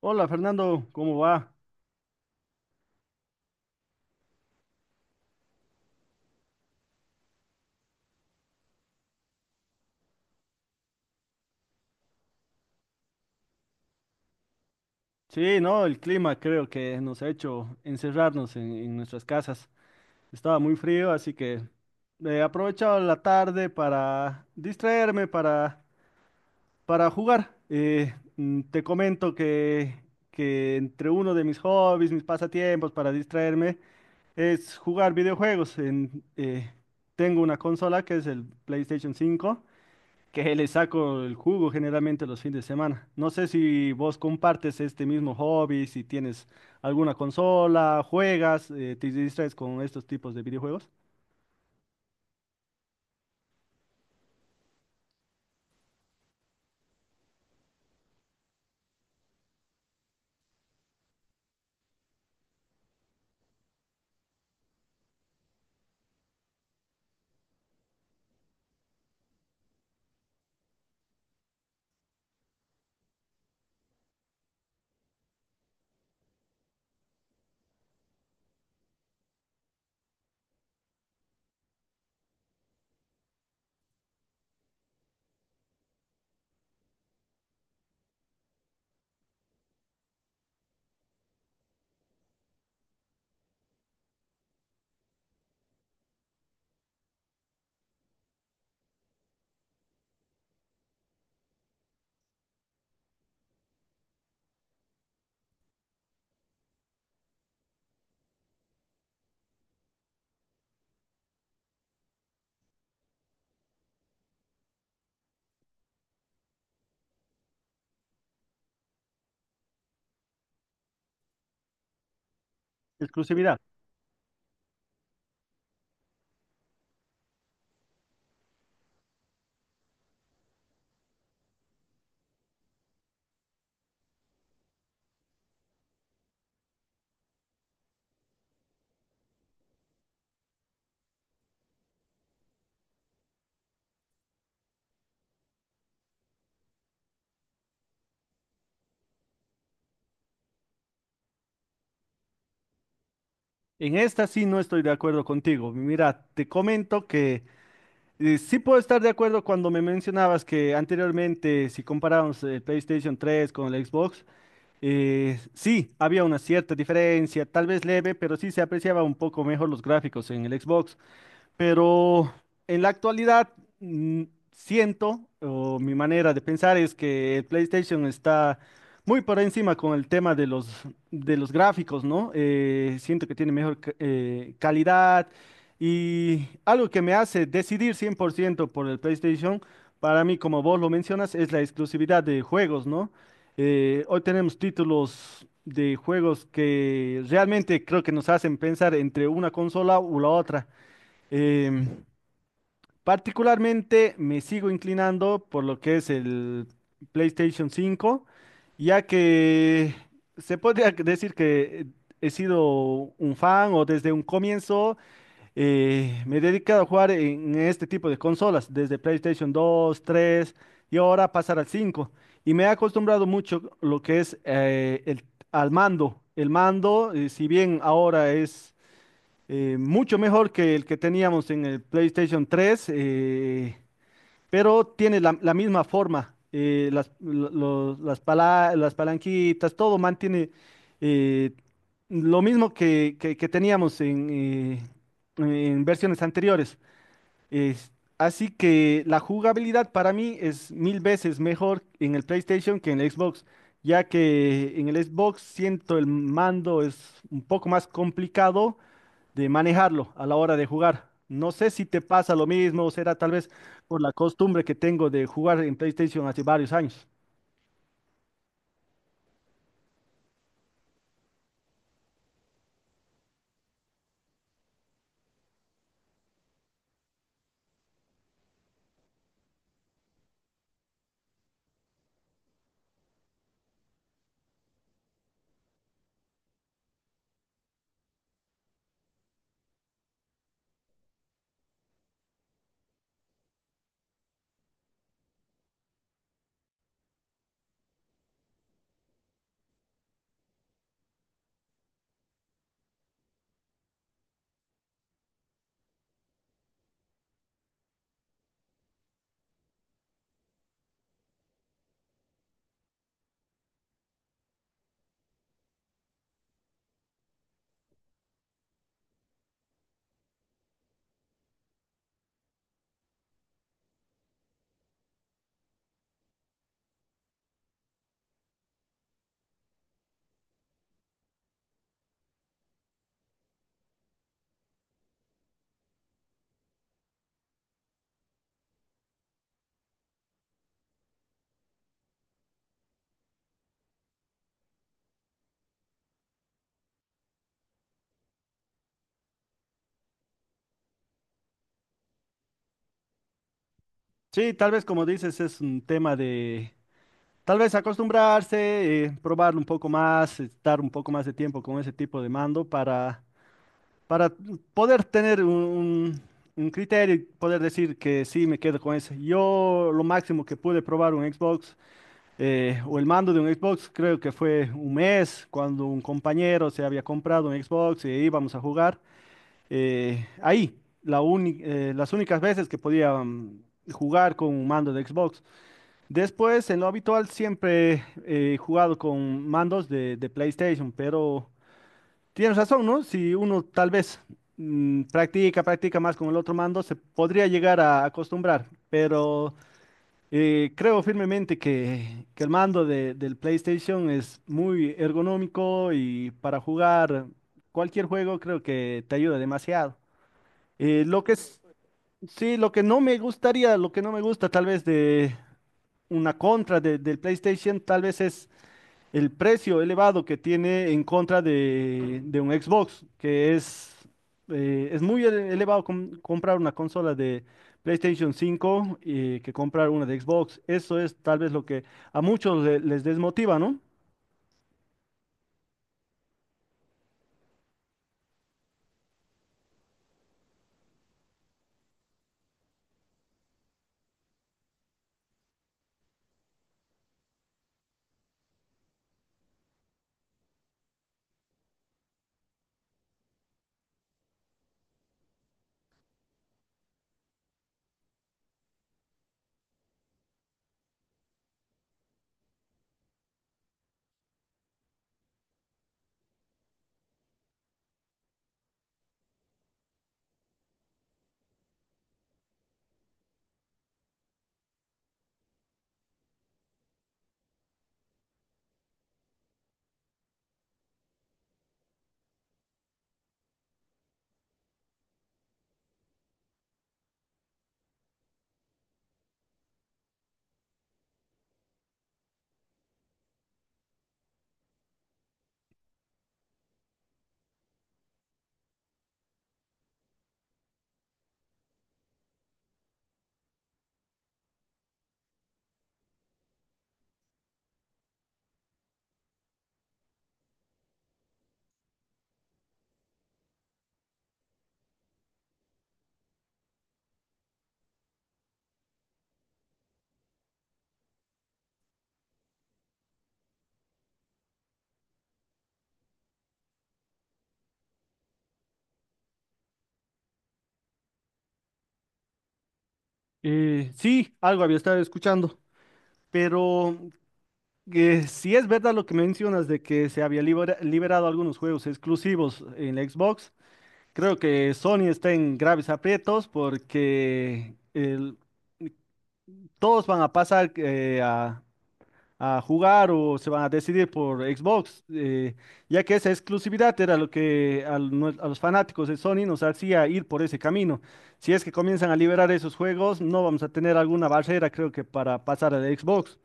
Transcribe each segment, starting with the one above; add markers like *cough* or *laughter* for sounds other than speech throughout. Hola Fernando, ¿cómo va? Sí, no, el clima creo que nos ha hecho encerrarnos en nuestras casas. Estaba muy frío, así que he aprovechado la tarde para distraerme, para jugar. Te comento que entre uno de mis hobbies, mis pasatiempos para distraerme, es jugar videojuegos. Tengo una consola que es el PlayStation cinco, que le saco el jugo generalmente los fines de semana. No sé si vos compartes este mismo hobby, si tienes alguna consola, juegas, te distraes con estos tipos de videojuegos. Exclusividad. En esta sí no estoy de acuerdo contigo. Mira, te comento que sí puedo estar de acuerdo cuando me mencionabas que anteriormente, si comparábamos el PlayStation 3 con el Xbox, sí, había una cierta diferencia, tal vez leve, pero sí se apreciaba un poco mejor los gráficos en el Xbox. Pero en la actualidad, mm, siento, o mi manera de pensar es que el PlayStation está muy por encima con el tema de los gráficos, ¿no? Siento que tiene mejor calidad, y algo que me hace decidir 100% por ciento por el PlayStation, para mí, como vos lo mencionas, es la exclusividad de juegos, ¿no? Hoy tenemos títulos de juegos que realmente creo que nos hacen pensar entre una consola u la otra. Em, Particularmente me sigo inclinando por lo que es el PlayStation 5, ya que se podría *laughs* decir que he sido un fan o desde un comienzo me he dedicado a jugar en este tipo de consolas, desde PlayStation 2, 3 y ahora pasar al 5. Y me he acostumbrado mucho lo que es al mando. El mando, si bien ahora es mucho mejor que el que teníamos en el PlayStation 3, pero tiene la misma forma. Las las palanquitas, todo mantiene eh, lo mismo que teníamos en versiones anteriores. Es- Así que la jugabilidad para mí es mil veces mejor en el PlayStation que en el Xbox, ya que en el Xbox siento el mando es un poco más complicado de manejarlo a la hora de jugar. No sé si te pasa lo mismo, o será tal vez por la costumbre que tengo de jugar en PlayStation hace varios años. Sí, tal vez como dices, es un tema de tal vez acostumbrarse, probarlo un poco más, estar un poco más de tiempo con ese tipo de mando, para poder tener un criterio y poder decir que sí, me quedo con ese. Yo lo máximo que pude probar un Xbox, o el mando de un Xbox, creo que fue un mes, cuando un compañero se había comprado un Xbox y íbamos a jugar. Ahí, las únicas veces que podía jugar con un mando de Xbox. Después, en lo habitual, siempre he jugado con mandos de PlayStation, pero tienes razón, ¿no? Si uno tal vez practica, practica más con el otro mando, se podría llegar a acostumbrar, pero... Creo firmemente que el mando del PlayStation es muy ergonómico y para jugar cualquier juego creo que te ayuda demasiado. Eh, lo que es, sí, lo que no me gustaría, lo que no me gusta tal vez de una contra del PlayStation, tal vez es el precio elevado que tiene en contra de un Xbox, es muy elevado comprar una consola de PlayStation cinco, que comprar una de Xbox. Eso es tal vez lo que a muchos les desmotiva, ¿no? Sí, algo había estado escuchando, pero si es verdad lo que mencionas de que se había liberado algunos juegos exclusivos en la Xbox, creo que Sony está en graves aprietos porque el, todos van a pasar a jugar o se van a decidir por Xbox, ya que esa exclusividad era lo que los fanáticos de Sony nos hacía ir por ese camino. Si es que comienzan a liberar esos juegos, no vamos a tener alguna barrera, creo que, para pasar a Xbox.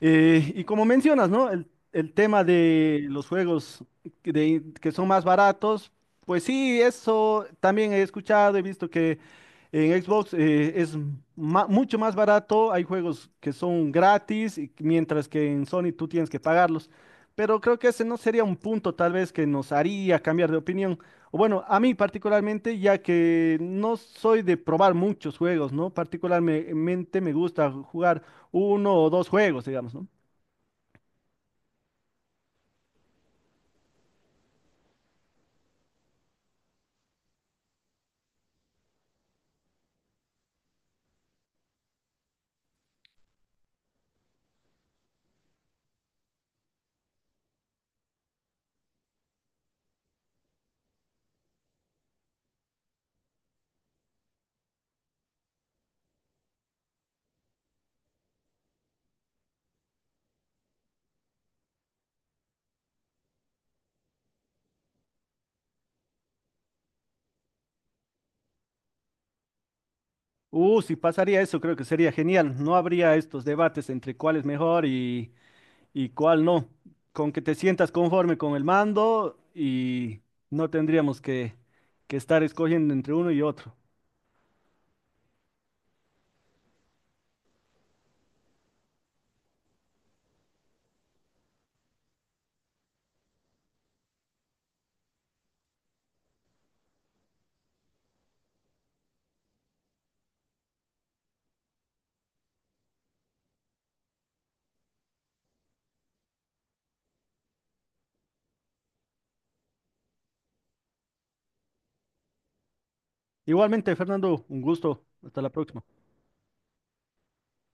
Y como mencionas, ¿no? El tema de los juegos que son más baratos, pues sí, eso también he escuchado, he visto que en Xbox, es mucho más barato, hay juegos que son gratis, mientras que en Sony tú tienes que pagarlos. Pero creo que ese no sería un punto tal vez que nos haría cambiar de opinión. O bueno, a mí particularmente, ya que no soy de probar muchos juegos, ¿no? Particularmente me gusta jugar uno o dos juegos, digamos, ¿no? Si pasaría eso, creo que sería genial. No habría estos debates entre cuál es mejor y cuál no. Con que te sientas conforme con el mando, y no tendríamos que estar escogiendo entre uno y otro. Igualmente, Fernando, un gusto. Hasta la próxima.